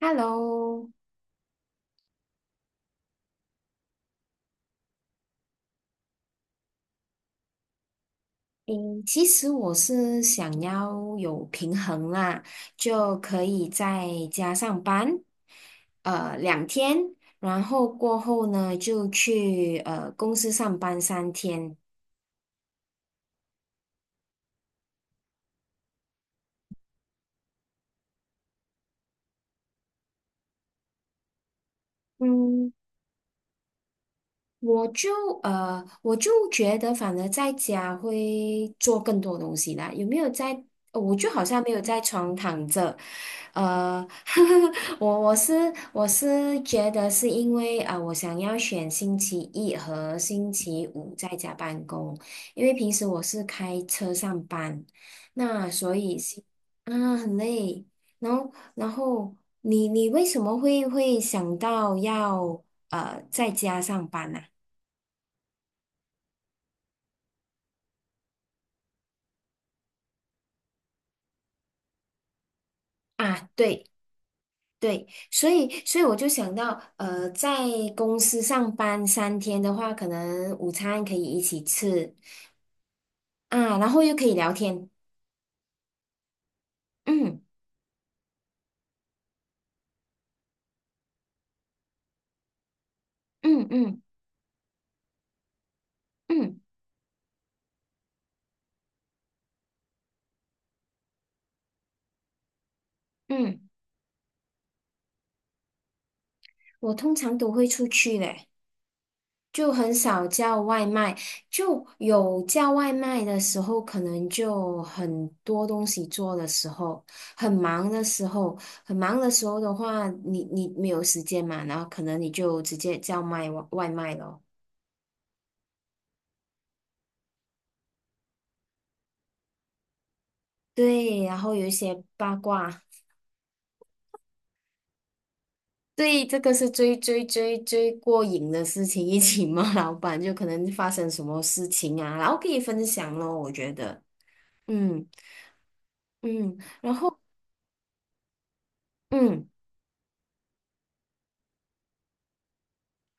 Hello，嗯，其实我是想要有平衡啦，就可以在家上班，两天，然后过后呢就去公司上班三天。嗯，我就我就觉得，反而在家会做更多东西啦。有没有在？我就好像没有在床躺着，呃，我是觉得是因为啊、我想要选星期一和星期五在家办公，因为平时我是开车上班，那所以是啊很累。然后你为什么会想到要在家上班呢？啊，对对，所以我就想到，在公司上班三天的话，可能午餐可以一起吃啊，然后又可以聊天，嗯嗯嗯嗯嗯，我通常都会出去嘞，就很少叫外卖，就有叫外卖的时候，可能就很多东西做的时候，很忙的时候，很忙的时候的话，你没有时间嘛，然后可能你就直接叫外卖咯。对，然后有一些八卦，对，这个是最过瘾的事情，一起骂老板，就可能发生什么事情啊，然后可以分享咯，我觉得，嗯嗯嗯，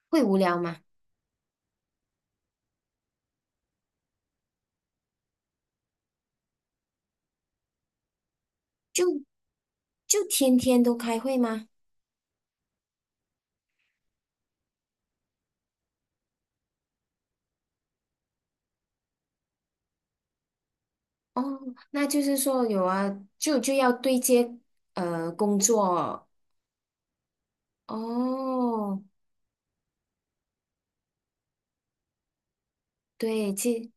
会无聊吗？就就天天都开会吗？哦，那就是说有啊，就要对接工作哦，对，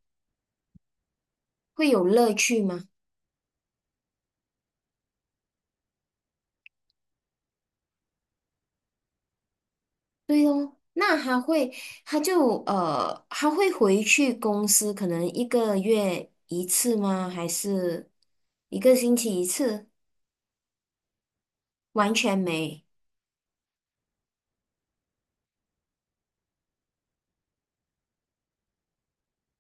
会有乐趣吗？对哦，那他会，他会回去公司，可能1个月一次吗？还是一个星期一次？完全没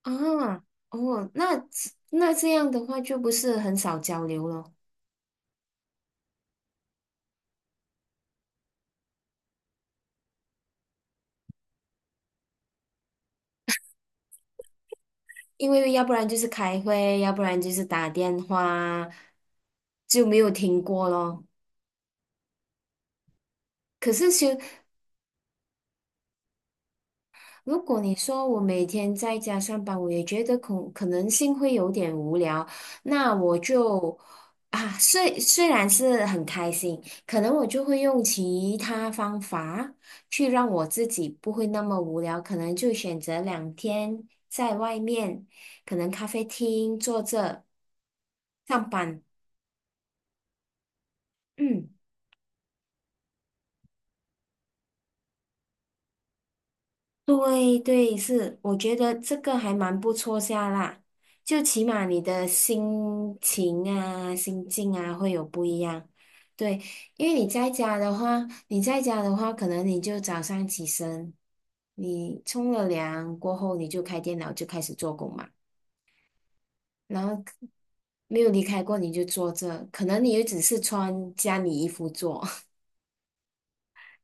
啊，哦，那这样的话就不是很少交流了，因为要不然就是开会，要不然就是打电话，就没有停过咯。可是如果你说我每天在家上班，我也觉得可能性会有点无聊，那我就啊，虽然是很开心，可能我就会用其他方法去让我自己不会那么无聊，可能就选择两天在外面，可能咖啡厅坐着上班，嗯。对对，是，我觉得这个还蛮不错下啦，就起码你的心情啊、心境啊会有不一样。对，因为你在家的话，可能你就早上起身，你冲了凉过后，你就开电脑就开始做工嘛，然后没有离开过你就坐着，可能你也只是穿家里衣服做。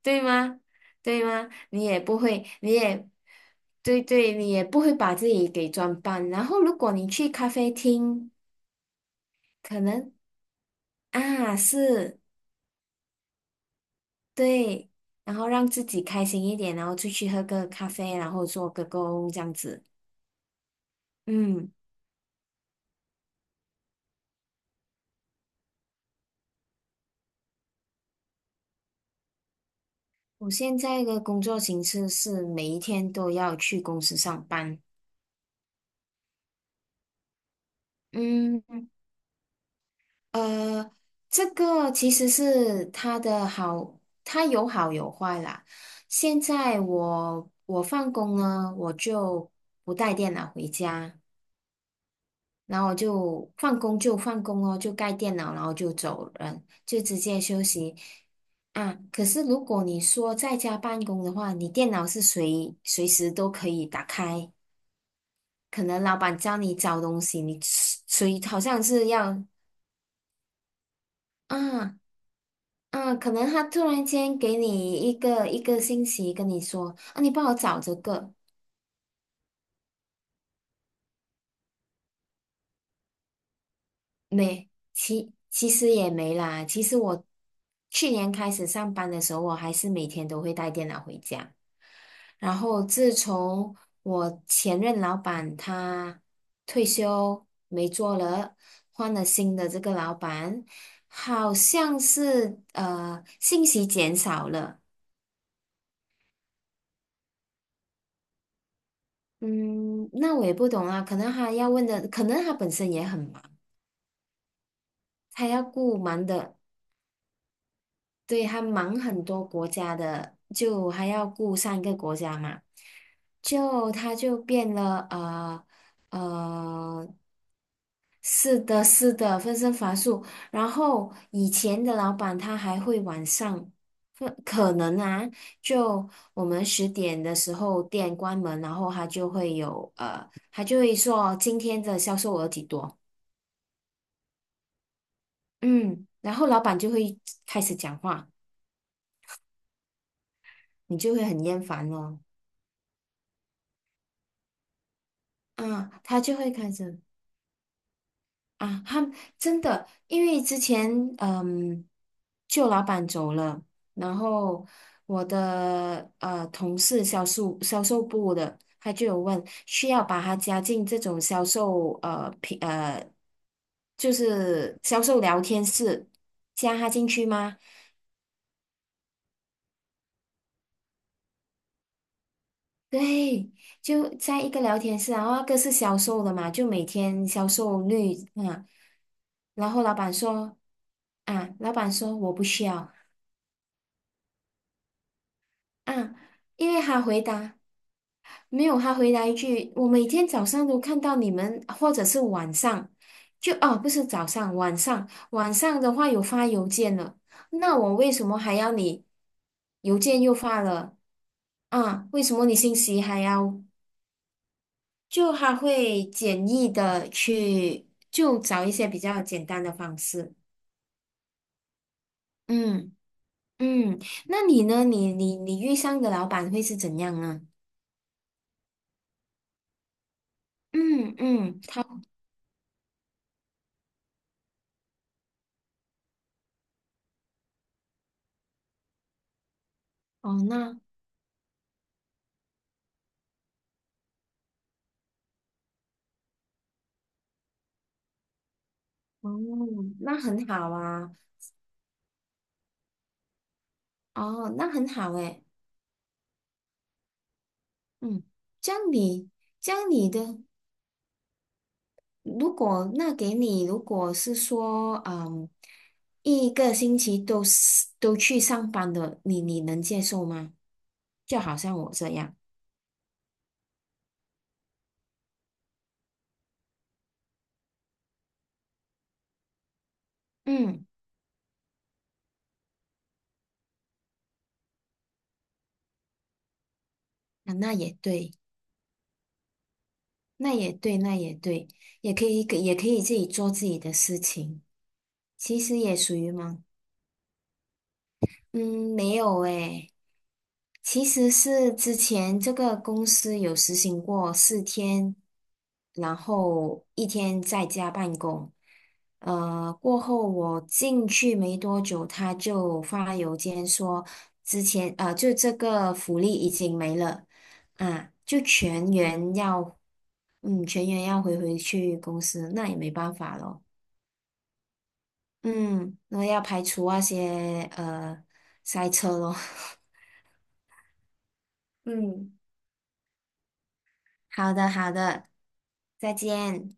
对吗？对吗？你也不会，你也，对对，你也不会把自己给装扮。然后，如果你去咖啡厅，可能啊是，对，然后让自己开心一点，然后出去喝个咖啡，然后做个工这样子。嗯，我现在的工作形式是每一天都要去公司上班。嗯。呃，这个其实是它的好，它有好有坏啦。现在我放工呢，我就不带电脑回家，然后我就放工就放工哦，就盖电脑，然后就走人，就直接休息啊。可是如果你说在家办公的话，你电脑是随时都可以打开，可能老板叫你找东西，你好像是要。啊。嗯，可能他突然间给你一个一个信息，跟你说啊，你帮我找这个，没，其实也没啦。其实我去年开始上班的时候，我还是每天都会带电脑回家。然后自从我前任老板他退休没做了，换了新的这个老板，好像是信息减少了。嗯，那我也不懂啊，可能他要问的，可能他本身也很忙，他要顾忙的，对，他忙很多国家的，就还要顾3个国家嘛，就他就变了，呃，是的，是的，分身乏术。然后以前的老板他还会晚上，可能啊，就我们10点的时候店关门，然后他就会说今天的销售额几多。嗯，然后老板就会开始讲话，你就会很厌烦哦。啊，他就会开始啊，他真的，因为之前嗯，旧老板走了，然后我的同事销售部的，他就有问需要把他加进这种销售呃平呃，就是销售聊天室，加他进去吗？对，就在一个聊天室啊，然后那个是销售的嘛，就每天销售率啊，然后老板说啊，老板说我不需要啊，因为他回答没有，他回答一句，我每天早上都看到你们，或者是晚上，就哦，不是早上，晚上，晚上的话有发邮件了，那我为什么还要你邮件又发了啊？为什么你信息还要？就还会简易的去，就找一些比较简单的方式。嗯嗯，那你呢？你遇上的老板会是怎样呢？嗯嗯，他哦，那哦，那很好啊，哦，那很好诶，嗯，这样你这样你的，如果那给你，如果是说，嗯，一个星期都去上班的，你能接受吗？就好像我这样，嗯。啊，那也对，那也对，那也对，也可以，也可以自己做自己的事情，其实也属于忙。嗯，没有诶，其实是之前这个公司有实行过4天，然后一天在家办公。过后我进去没多久，他就发邮件说，之前就这个福利已经没了啊，就全员要，嗯，全员要回去公司，那也没办法咯。嗯，那要排除那些塞车咯。嗯。好的，好的，再见。